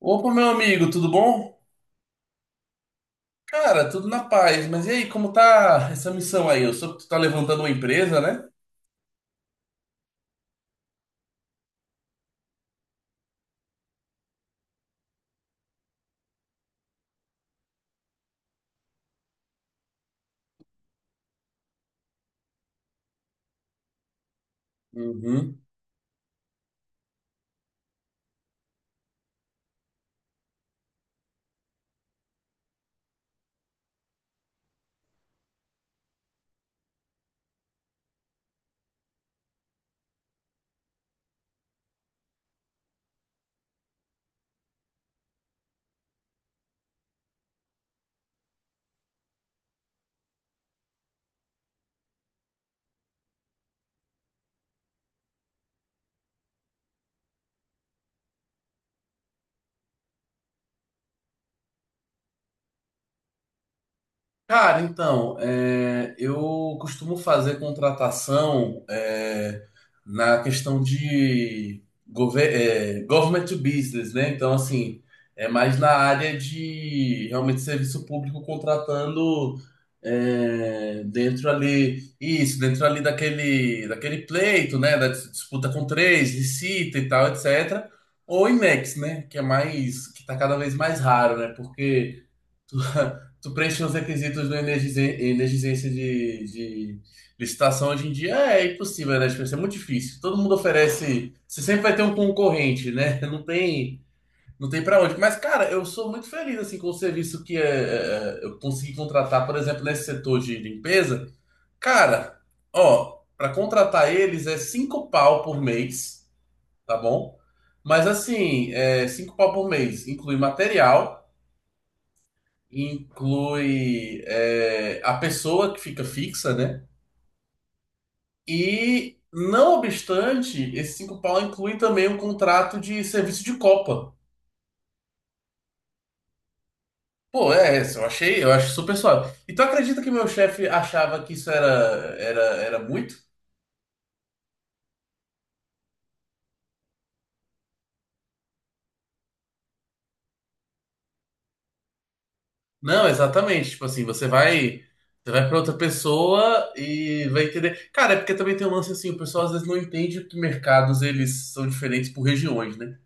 Opa, meu amigo, tudo bom? Cara, tudo na paz. Mas e aí, como tá essa missão aí? Eu soube que tu tá levantando uma empresa, né? Uhum. Cara, então, eu costumo fazer contratação na questão de government to business, né? Então, assim, é mais na área de realmente serviço público contratando dentro ali, isso, dentro ali daquele pleito, né? Da disputa com três, licita e tal, etc. Ou IMEX, né? Que é mais, que tá cada vez mais raro, né? Porque. Tu, tu preenche os requisitos do energizência de licitação hoje em dia é impossível, né? Tipo, isso é muito difícil. Todo mundo oferece. Você sempre vai ter um concorrente, né? Não tem para onde. Mas, cara, eu sou muito feliz assim com o serviço que eu consegui contratar, por exemplo, nesse setor de limpeza. Cara, ó, para contratar eles é cinco pau por mês, tá bom? Mas assim, é, cinco pau por mês inclui material, inclui a pessoa que fica fixa, né? E, não obstante, esse cinco pau inclui também um contrato de serviço de copa. Pô, é, essa eu achei, eu acho super suave. Então acredita que meu chefe achava que isso era muito? Não, exatamente. Tipo assim, você vai para outra pessoa e vai entender. Cara, é porque também tem um lance assim, o pessoal às vezes não entende que mercados eles são diferentes por regiões, né?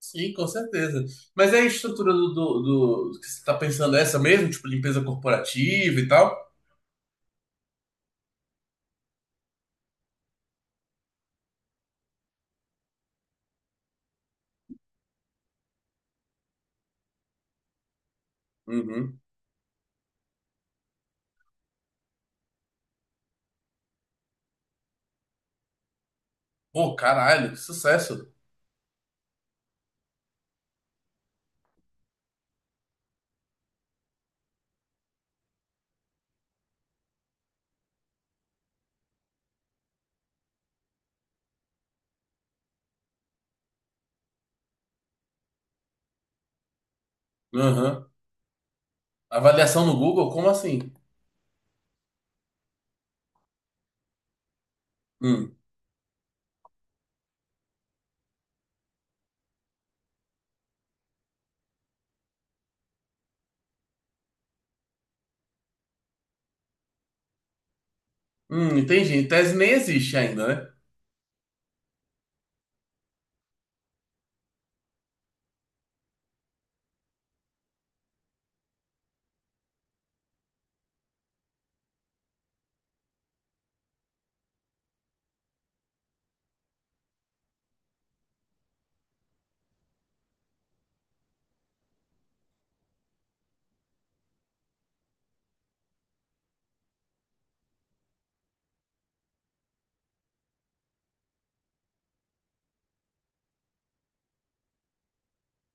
Sim, com certeza. Mas é a estrutura do que você tá pensando é essa mesmo? Tipo, limpeza corporativa e tal? Uhum. Pô, caralho, que sucesso. Uhum. Avaliação no Google? Como assim? Hum. Entendi. Em tese nem existe ainda, né?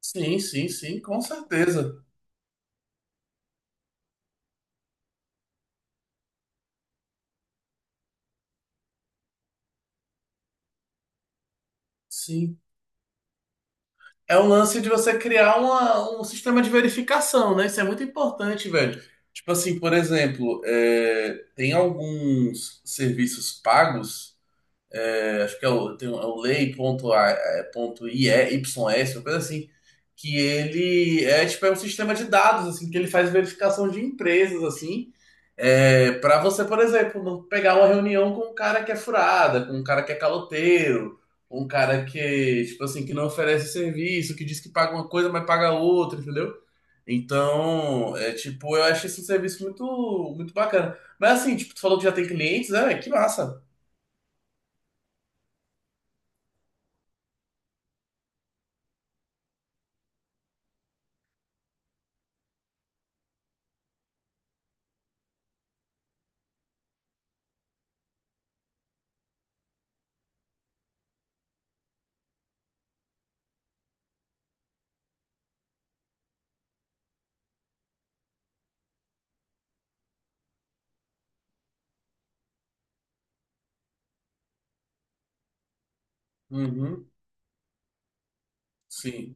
Sim, sim, sim, com certeza. Sim. É um lance de você criar um sistema de verificação, né? Isso é muito importante, velho. Tipo assim, por exemplo, é, tem alguns serviços pagos. É acho que é o, tem, um, é o lei.ie, uma coisa assim, que ele é tipo um sistema de dados, assim, que ele faz verificação de empresas, assim, é, para você, por exemplo, não pegar uma reunião com um cara que é furada, com um cara que é caloteiro, um cara que, tipo assim, que não oferece serviço, que diz que paga uma coisa, mas paga outra, entendeu? Então, é tipo, eu acho esse serviço muito, muito bacana. Mas assim, tipo, tu falou que já tem clientes, é, que massa. Uhum, sim.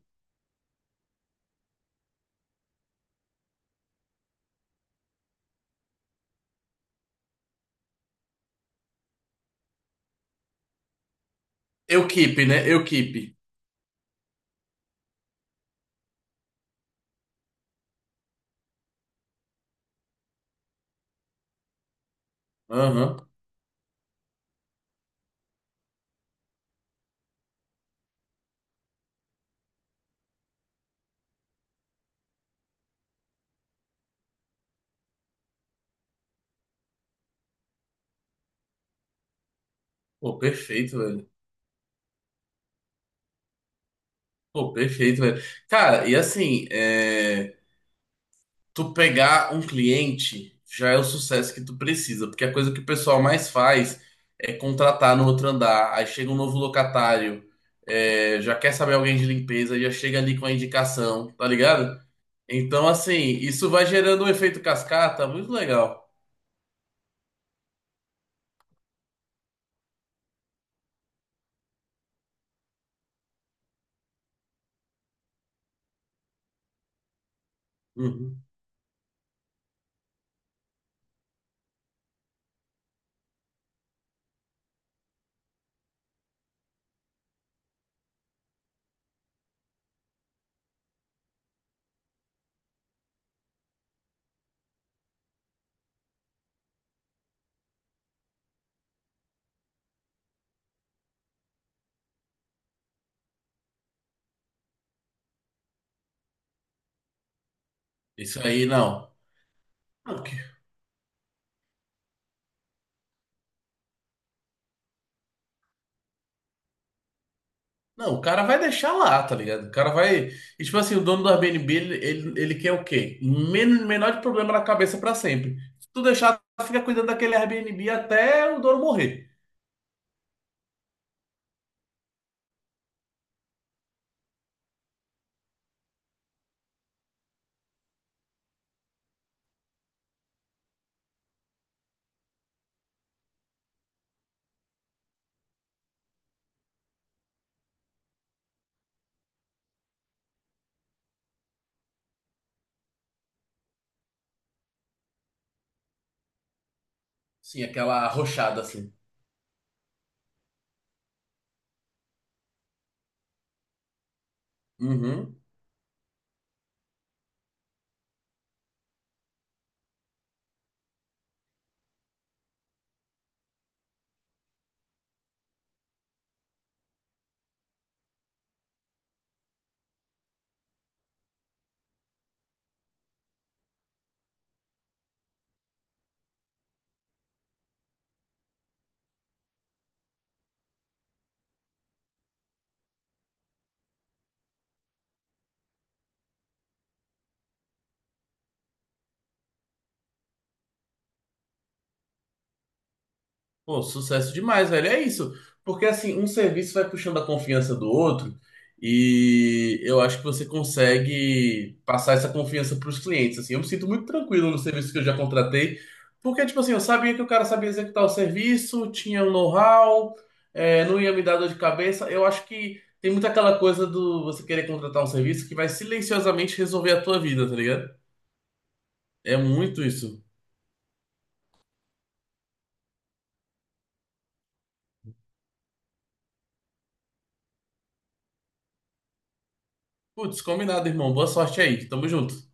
Eu keep, né? Eu keep. Aham. Pô, perfeito, velho. Pô, perfeito, velho. Cara, e assim, é, tu pegar um cliente já é o sucesso que tu precisa, porque a coisa que o pessoal mais faz é contratar no outro andar. Aí chega um novo locatário, é, já quer saber alguém de limpeza, já chega ali com a indicação, tá ligado? Então, assim, isso vai gerando um efeito cascata muito legal. Uhum. Isso aí, não. Não, o cara vai deixar lá, tá ligado? O cara vai. E, tipo assim, o dono do Airbnb, ele quer o quê? Menor de problema na cabeça pra sempre. Se tu deixar, fica cuidando daquele Airbnb até o dono morrer. Sim, aquela arrochada assim. Uhum. Pô, sucesso demais, velho. É isso. Porque assim, um serviço vai puxando a confiança do outro e eu acho que você consegue passar essa confiança para os clientes, assim. Eu me sinto muito tranquilo no serviço que eu já contratei, porque tipo assim, eu sabia que o cara sabia executar o serviço, tinha um know-how, é, não ia me dar dor de cabeça. Eu acho que tem muito aquela coisa do você querer contratar um serviço que vai silenciosamente resolver a tua vida, tá ligado? É muito isso. Putz, combinado, irmão. Boa sorte aí. Tamo junto.